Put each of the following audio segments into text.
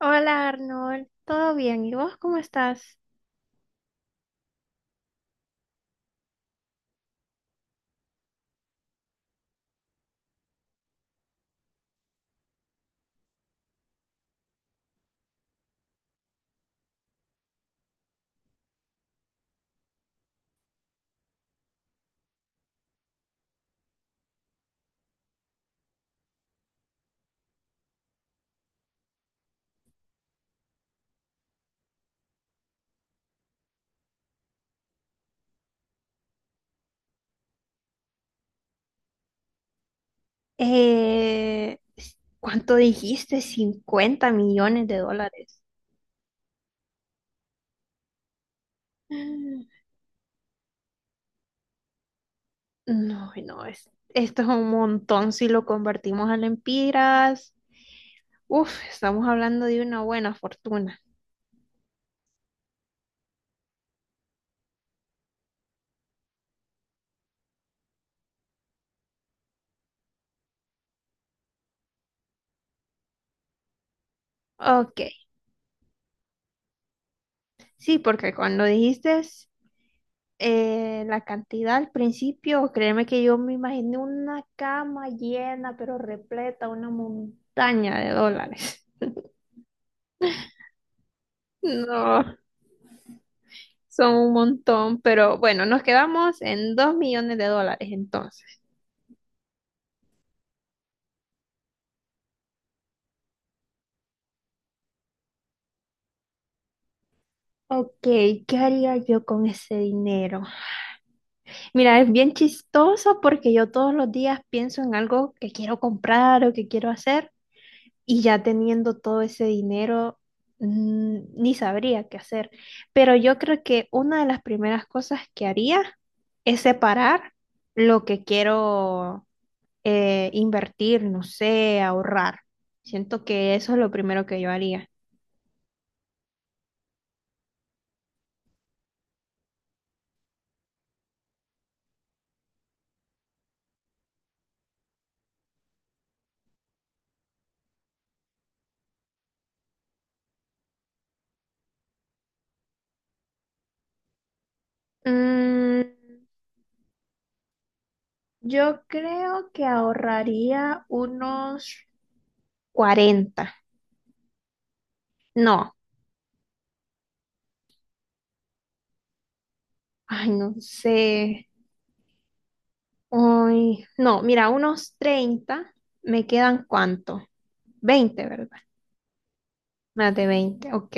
Hola Arnold, ¿todo bien? ¿Y vos cómo estás? Eh, ¿cuánto dijiste? 50 millones de dólares. Mm. No, no, esto es un montón si lo convertimos a lempiras. Uf, estamos hablando de una buena fortuna. Ok, sí, porque cuando dijiste la cantidad al principio, créeme que yo me imaginé una cama llena, pero repleta, una montaña de dólares. No. Son un montón, pero bueno, nos quedamos en 2 millones de dólares entonces. Ok, ¿qué haría yo con ese dinero? Mira, es bien chistoso porque yo todos los días pienso en algo que quiero comprar o que quiero hacer y ya teniendo todo ese dinero ni sabría qué hacer. Pero yo creo que una de las primeras cosas que haría es separar lo que quiero invertir, no sé, ahorrar. Siento que eso es lo primero que yo haría. Mm, yo creo que ahorraría unos 40. No, ay, no sé. Ay, no, mira, unos 30. ¿Me quedan cuánto? 20, ¿verdad? Más de 20, ok.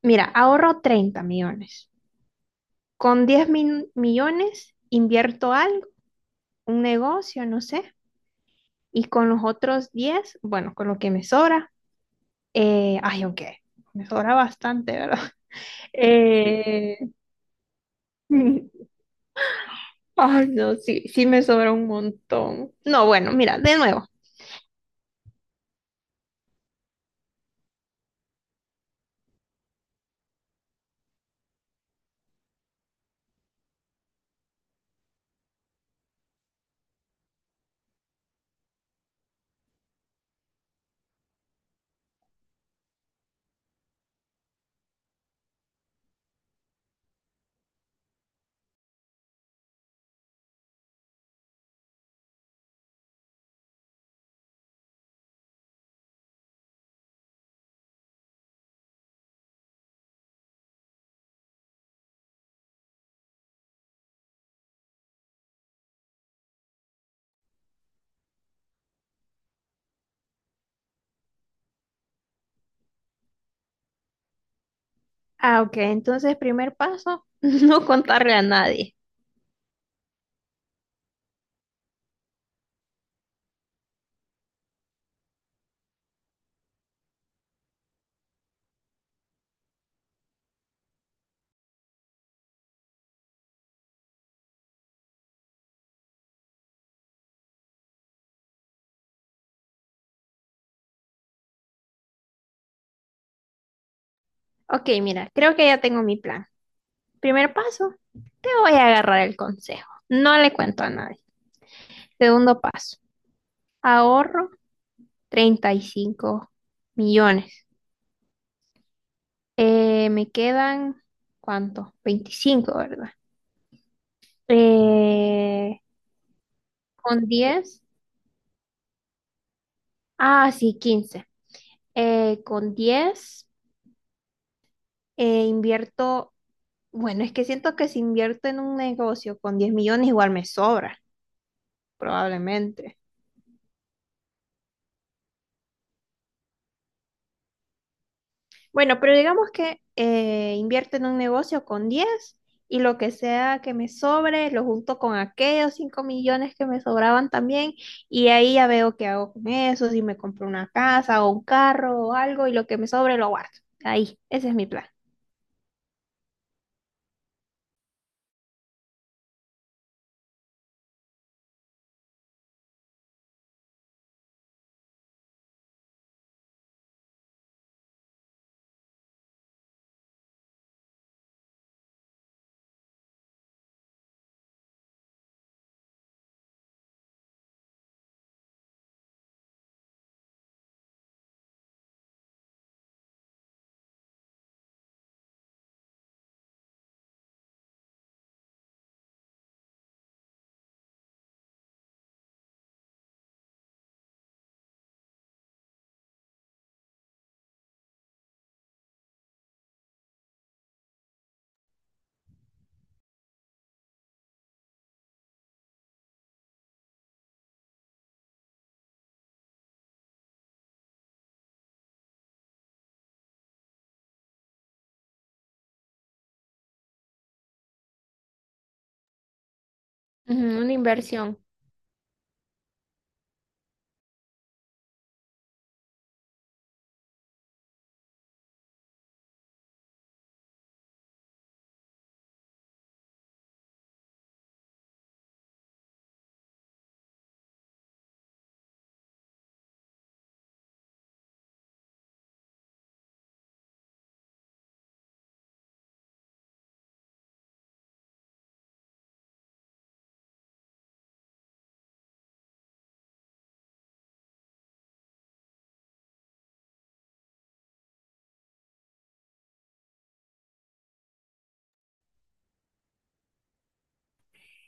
Mira, ahorro 30 millones. Con 10.000 millones invierto algo, un negocio, no sé. Y con los otros 10, bueno, con lo que me sobra, ay, aunque me sobra bastante, ¿verdad? Eh, ay, no, sí, sí me sobra un montón. No, bueno, mira, de nuevo. Ah, ok, entonces primer paso, no contarle a nadie. Ok, mira, creo que ya tengo mi plan. Primer paso, te voy a agarrar el consejo. No le cuento a nadie. Segundo paso, ahorro 35 millones. Me quedan, ¿cuánto? 25, ¿verdad? Eh, con 10. Ah, sí, 15. Con 10 invierto, bueno, es que siento que si invierto en un negocio con 10 millones igual me sobra, probablemente. Bueno, pero digamos que invierto en un negocio con 10 y lo que sea que me sobre lo junto con aquellos 5 millones que me sobraban también y ahí ya veo qué hago con eso, si me compro una casa o un carro o algo y lo que me sobre lo guardo. Ahí, ese es mi plan. Ujú, una inversión.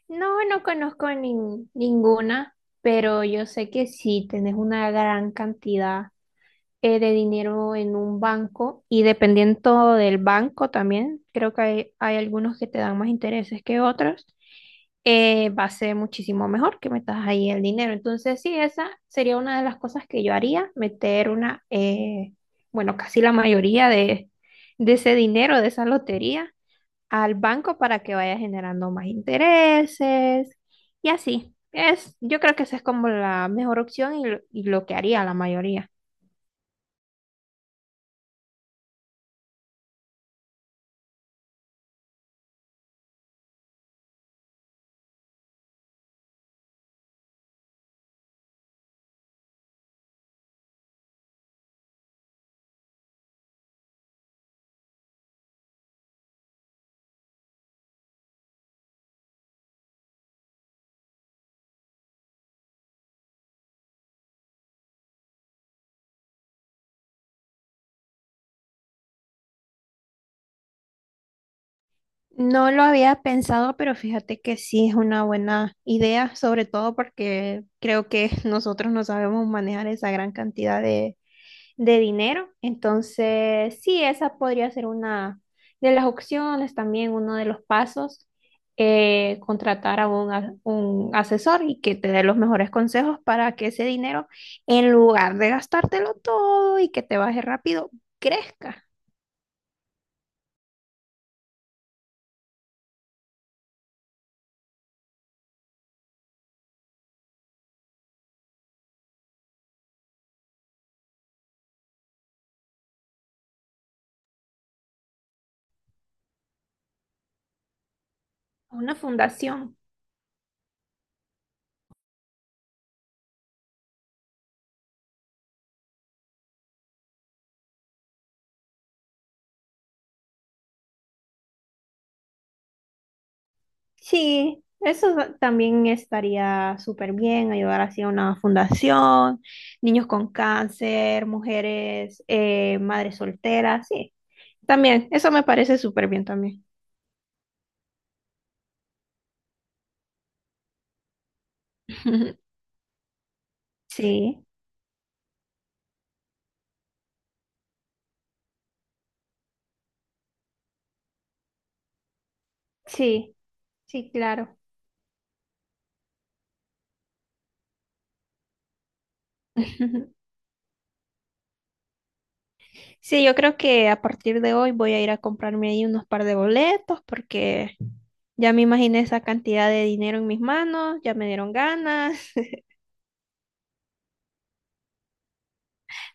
No, no conozco ninguna, pero yo sé que si tenés una gran cantidad de dinero en un banco y dependiendo del banco también, creo que hay algunos que te dan más intereses que otros, va a ser muchísimo mejor que metas ahí el dinero. Entonces, sí, esa sería una de las cosas que yo haría, meter bueno, casi la mayoría de ese dinero, de esa lotería, al banco para que vaya generando más intereses y así. Es, yo creo que esa es como la mejor opción y y lo que haría la mayoría. No lo había pensado, pero fíjate que sí es una buena idea, sobre todo porque creo que nosotros no sabemos manejar esa gran cantidad de dinero. Entonces, sí, esa podría ser una de las opciones, también uno de los pasos, contratar a un asesor y que te dé los mejores consejos para que ese dinero, en lugar de gastártelo todo y que te baje rápido, crezca a una fundación. Sí, eso también estaría súper bien, ayudar así a una fundación, niños con cáncer, mujeres, madres solteras, sí. También, eso me parece súper bien también. Sí, sí, sí, claro. Sí, yo creo que a partir de hoy voy a ir a comprarme ahí unos par de boletos porque ya me imaginé esa cantidad de dinero en mis manos, ya me dieron ganas.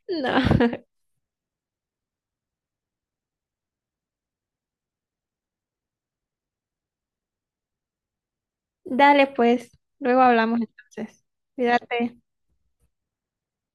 No. Dale, pues, luego hablamos entonces. Cuídate.